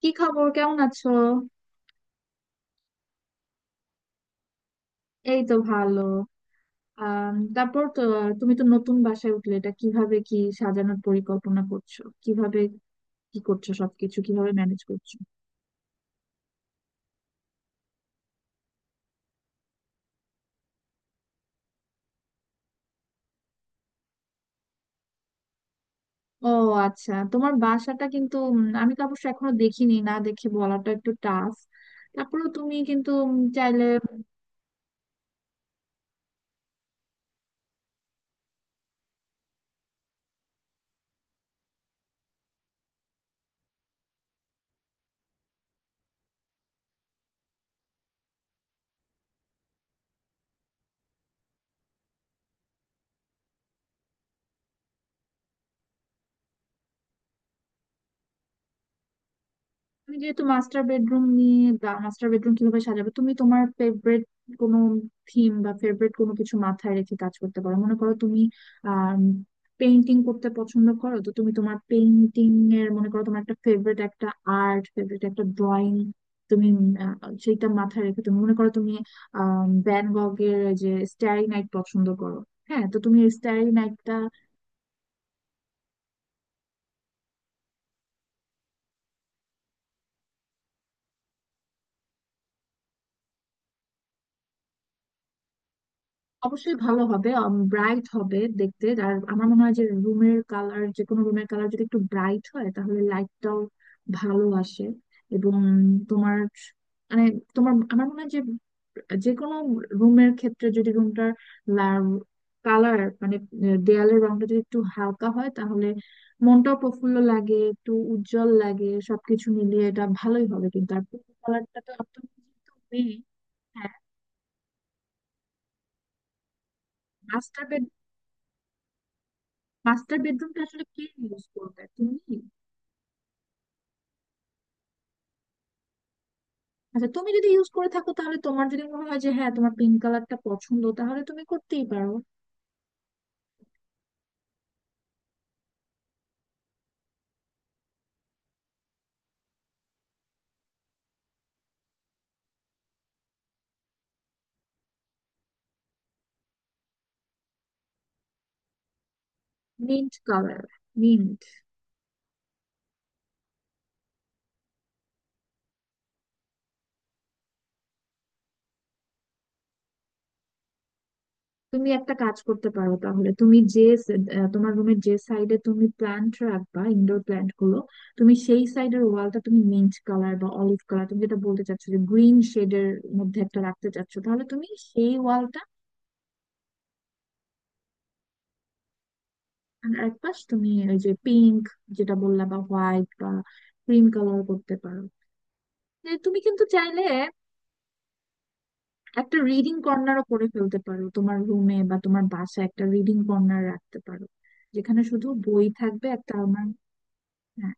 কি খবর, কেমন আছো? এই তো ভালো। আহ তারপর তো তুমি তো নতুন বাসায় উঠলে, এটা কিভাবে কি সাজানোর পরিকল্পনা করছো? কিভাবে কি করছো? সবকিছু কিভাবে ম্যানেজ করছো? ও আচ্ছা, তোমার বাসাটা কিন্তু আমি তো অবশ্য এখনো দেখিনি, না দেখে বলাটা একটু টাফ। তারপরেও তুমি কিন্তু চাইলে তুমি যেহেতু মাস্টার বেডরুম নিয়ে, মাস্টার বেডরুম কিভাবে সাজাবে? তুমি তোমার ফেভারিট কোনো থিম বা ফেভারিট কোনো কিছু মাথায় রেখে কাজ করতে পারো। মনে করো তুমি আহ পেইন্টিং করতে পছন্দ করো, তো তুমি তোমার পেইন্টিং এর মনে করো তোমার একটা ফেভারিট একটা আর্ট, ফেভারিট একটা ড্রয়িং, তুমি আহ, সেইটা মাথায় রেখে তুমি মনে করো তুমি ভ্যান গগের যে স্টারি নাইট পছন্দ করো। হ্যাঁ, তো তুমি স্টারি নাইটটা অবশ্যই ভালো হবে, ব্রাইট হবে দেখতে। আর আমার মনে হয় যে রুমের কালার, যে কোনো রুমের কালার যদি একটু ব্রাইট হয় তাহলে লাইটটাও ভালো আসে। এবং তোমার মানে তোমার আমার মনে হয় যে যে কোনো রুমের ক্ষেত্রে যদি রুমটার কালার মানে দেয়ালের রংটা যদি একটু হালকা হয় তাহলে মনটাও প্রফুল্ল লাগে, একটু উজ্জ্বল লাগে, সবকিছু মিলিয়ে এটা ভালোই হবে কিন্তু। আর কালারটা তো আপনার যেহেতু মেয়ে। হ্যাঁ, মাস্টার বেডরুমটা আসলে কে ইউজ করবে, তুমি? আচ্ছা, তুমি যদি ইউজ করে থাকো, তাহলে তোমার যদি মনে হয় যে হ্যাঁ, তোমার পিঙ্ক কালারটা পছন্দ, তাহলে তুমি করতেই পারো। Mint colour. মিন্ট। তুমি একটা কাজ করতে পারো, তাহলে তুমি যে তোমার রুমের যে সাইডে তুমি প্ল্যান্ট রাখবা, ইনডোর প্ল্যান্ট গুলো, তুমি সেই সাইডের ওয়ালটা তুমি মিন্ট কালার বা অলিভ কালার, তুমি যেটা বলতে চাচ্ছো, যে গ্রিন শেডের মধ্যে একটা রাখতে চাচ্ছো, তাহলে তুমি সেই ওয়ালটা। আর একপাশ তুমি ওই যে পিঙ্ক, যেটা বললা, বা হোয়াইট বা ক্রিম কালার করতে পারো। যে তুমি কিন্তু চাইলে একটা রিডিং কর্নারও করে ফেলতে পারো, তোমার রুমে বা তোমার বাসায় একটা রিডিং কর্নার রাখতে পারো যেখানে শুধু বই থাকবে, একটা আমার। হ্যাঁ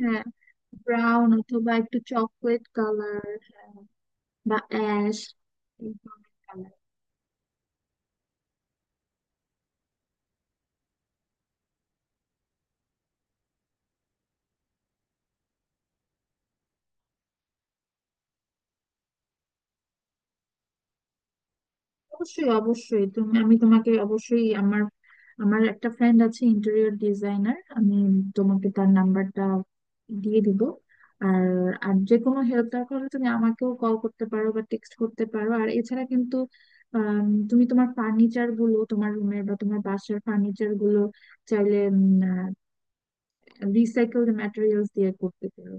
হ্যাঁ, ব্রাউন অথবা একটু চকলেট কালার বা অ্যাশ। অবশ্যই অবশ্যই, তুমি আমি তোমাকে অবশ্যই আমার আমার একটা ফ্রেন্ড আছে, ইন্টেরিয়র ডিজাইনার, আমি তোমাকে তার নাম্বারটা দিয়ে দিব। আর আর যে কোনো হেল্প দরকার হলে তুমি আমাকেও কল করতে পারো বা টেক্সট করতে পারো। আর এছাড়া কিন্তু আম, তুমি তোমার ফার্নিচার গুলো, তোমার রুমের বা তোমার বাসার ফার্নিচার গুলো চাইলে রিসাইকেলড ম্যাটেরিয়ালস দিয়ে করতে পারো।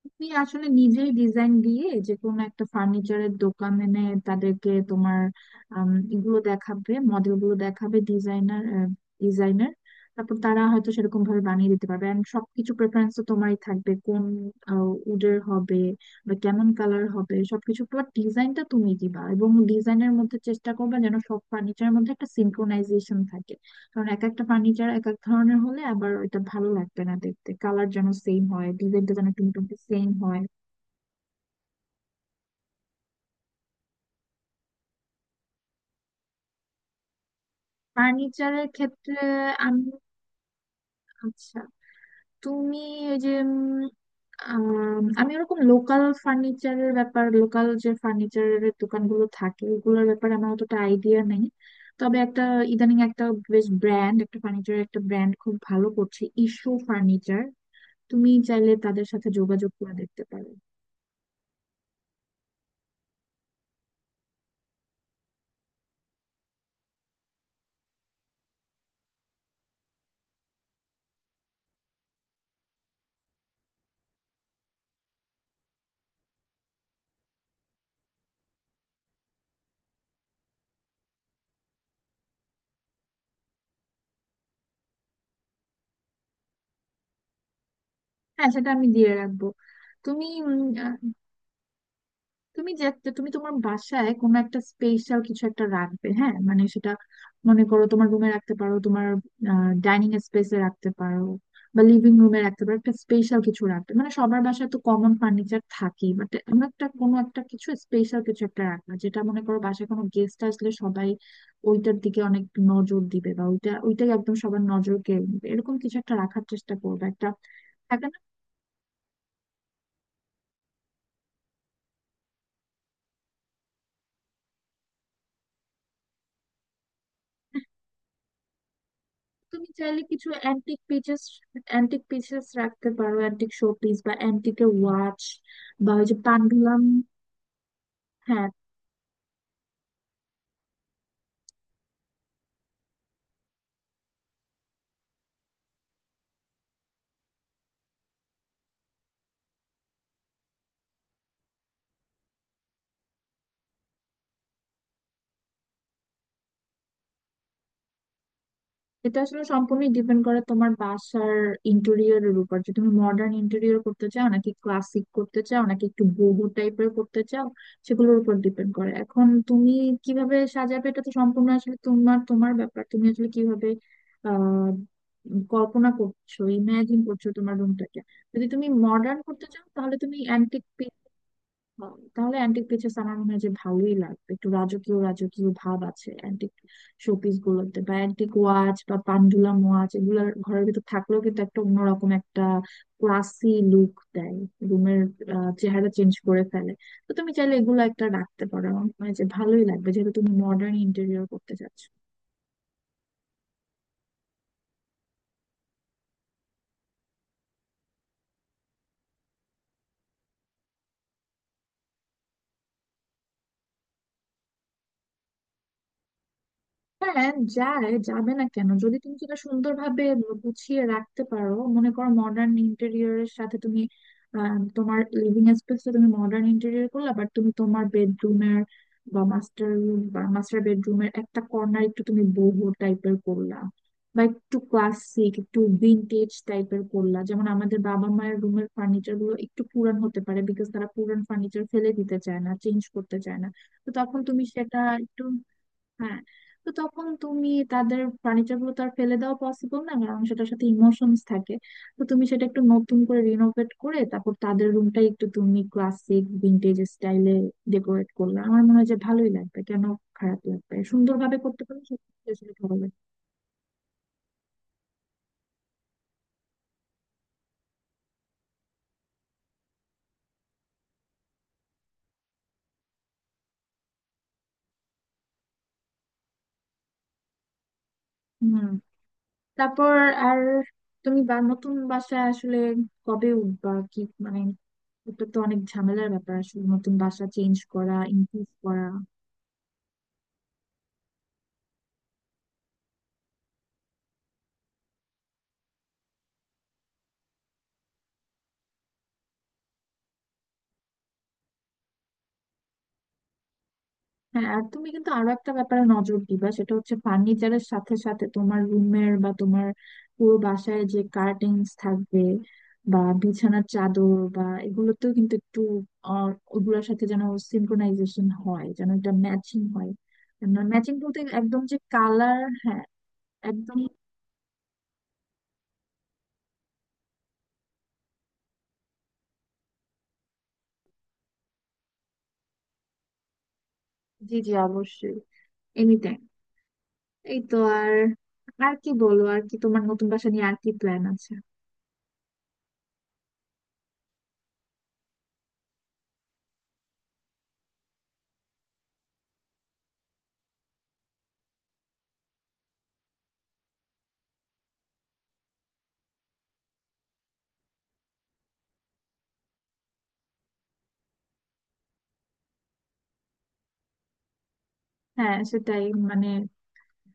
তুমি আসলে নিজেই ডিজাইন দিয়ে যে কোনো একটা ফার্নিচারের দোকানে এনে তাদেরকে তোমার এগুলো দেখাবে, মডেল গুলো দেখাবে, ডিজাইনার ডিজাইনার, তারপর তারা হয়তো সেরকম ভাবে বানিয়ে দিতে পারবে। এন্ড সবকিছু প্রেফারেন্স তো তোমারই থাকবে, কোন উডের হবে বা কেমন কালার হবে, সবকিছু পুরো ডিজাইনটা তুমি দিবা। এবং ডিজাইনের মধ্যে চেষ্টা করবে যেন সব ফার্নিচারের মধ্যে একটা সিনক্রোনাইজেশন থাকে, কারণ এক একটা ফার্নিচার এক এক ধরনের হলে আবার ওইটা ভালো লাগবে না দেখতে। কালার যেন সেম হয়, ডিজাইনটা যেন একটু মোটামুটি সেম হয়। ফার্নিচারের ক্ষেত্রে আমি আচ্ছা, তুমি ওই যে আম, আমি ওরকম লোকাল ফার্নিচারের ব্যাপার, লোকাল যে ফার্নিচারের দোকানগুলো থাকে, ওগুলোর ব্যাপারে আমার অতটা আইডিয়া নেই। তবে একটা ইদানিং একটা বেশ ব্র্যান্ড, একটা ফার্নিচারের একটা ব্র্যান্ড খুব ভালো করছে, ইস্যু ফার্নিচার। তুমি চাইলে তাদের সাথে যোগাযোগ করে দেখতে পারো। হ্যাঁ, সেটা আমি দিয়ে রাখবো। তুমি তুমি যে তুমি তোমার বাসায় কোনো একটা স্পেশাল কিছু একটা রাখবে। হ্যাঁ মানে সেটা মনে করো তোমার রুমে রাখতে পারো, তোমার ডাইনিং স্পেসে রাখতে পারো বা লিভিং রুমে রাখতে পারো, একটা স্পেশাল কিছু রাখবে। মানে সবার বাসায় তো কমন ফার্নিচার থাকেই, বাট এমন একটা কোনো একটা কিছু স্পেশাল কিছু একটা রাখবে যেটা মনে করো বাসায় কোনো গেস্ট আসলে সবাই ওইটার দিকে অনেক নজর দিবে, বা ওইটা ওইটাই একদম সবার নজর কেড়ে নেবে, এরকম কিছু একটা রাখার চেষ্টা করবে একটা। তুমি চাইলে কিছু অ্যান্টিক পিসেস, অ্যান্টিক পিসেস রাখতে পারো, অ্যান্টিক শোপিস বা অ্যান্টিকের ওয়াচ বা ওই যে পান্ডুলাম। হ্যাঁ, এটা আসলে সম্পূর্ণই ডিপেন্ড করে তোমার বাসার ইন্টেরিয়রের উপর, যে তুমি মডার্ন ইন্টেরিয়র করতে চাও, নাকি ক্লাসিক করতে চাও, নাকি একটু বোহো টাইপের করতে চাও। সেগুলোর উপর ডিপেন্ড করে এখন তুমি কিভাবে সাজাবে, এটা তো সম্পূর্ণ আসলে তোমার তোমার ব্যাপার, তুমি আসলে কিভাবে আহ কল্পনা করছো, ইমাজিন করছো তোমার রুমটাকে। যদি তুমি মডার্ন করতে চাও তাহলে তুমি অ্যান্টিক হয়। তাহলে অ্যান্টিক পিসেস আমার মনে হয় যে ভালোই লাগবে, একটু রাজকীয় রাজকীয় ভাব আছে অ্যান্টিক শোপিস গুলোতে, বা অ্যান্টিক ওয়াচ বা পান্ডুলাম ওয়াচ এগুলোর ঘরের ভিতর থাকলেও কিন্তু একটা অন্যরকম একটা ক্লাসি লুক দেয়, রুমের চেহারা চেঞ্জ করে ফেলে। তো তুমি চাইলে এগুলো একটা রাখতে পারো, আমার মনে হয় যে ভালোই লাগবে, যেহেতু তুমি মডার্ন ইন্টেরিয়র করতে চাচ্ছ। হ্যাঁ যায়, যাবে না কেন, যদি তুমি সেটা সুন্দরভাবে গুছিয়ে রাখতে পারো। মনে করো মডার্ন ইন্টেরিয়রের সাথে তুমি তোমার লিভিং স্পেসটা তুমি মডার্ন ইন্টেরিয়র করলে, আবার তুমি তোমার বেডরুমের বা মাস্টার রুম বা মাস্টার বেডরুমের একটা কর্নার একটু তুমি বোহো টাইপের করলা, বা একটু ক্লাসিক একটু ভিন্টেজ টাইপের করলা, যেমন আমাদের বাবা মায়ের রুমের ফার্নিচার গুলো একটু পুরান হতে পারে বিকজ তারা পুরান ফার্নিচার ফেলে দিতে চায় না, চেঞ্জ করতে চায় না। তো তখন তুমি সেটা একটু হ্যাঁ। তো তখন তুমি তাদের ফার্নিচার গুলো তো আর ফেলে দেওয়া পসিবল না, কারণ সেটার সাথে ইমোশনস থাকে। তো তুমি সেটা একটু নতুন করে রিনোভেট করে তারপর তাদের রুমটাই একটু তুমি ক্লাসিক ভিন্টেজ স্টাইলে ডেকোরেট করলে, আমার মনে হয় যে ভালোই লাগবে। কেন খারাপ লাগবে, সুন্দরভাবে করতে পারলে সত্যি আসলে ভালো লাগবে। হুম, তারপর আর তুমি বা নতুন বাসায় আসলে কবে উঠবা, কি মানে এটা তো অনেক ঝামেলার ব্যাপার আসলে, নতুন বাসা চেঞ্জ করা, ইমপ্রুভ করা। হ্যাঁ, আর তুমি কিন্তু আরো একটা ব্যাপারে নজর দিবা, সেটা হচ্ছে ফার্নিচারের সাথে সাথে তোমার রুমের বা তোমার পুরো বাসায় যে কার্টেন্স থাকবে, বা বিছানার চাদর বা এগুলোতেও কিন্তু একটু আহ, ওগুলোর সাথে যেন সিনক্রোনাইজেশন হয়, যেন এটা ম্যাচিং হয়। ম্যাচিং বলতে একদম যে কালার, হ্যাঁ একদম। জি জি, অবশ্যই, এনিটাইম। এই তো, আর আর কি বলো, আর কি তোমার নতুন বাসা নিয়ে আর কি প্ল্যান আছে? হ্যাঁ, সেটাই মানে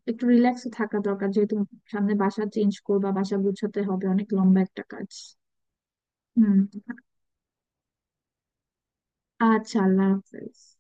একটু রিল্যাক্স থাকা দরকার, যেহেতু সামনে বাসা চেঞ্জ করবা, বাসা গুছাতে হবে, অনেক লম্বা একটা কাজ। হুম, আচ্ছা, আল্লাহ হাফেজ।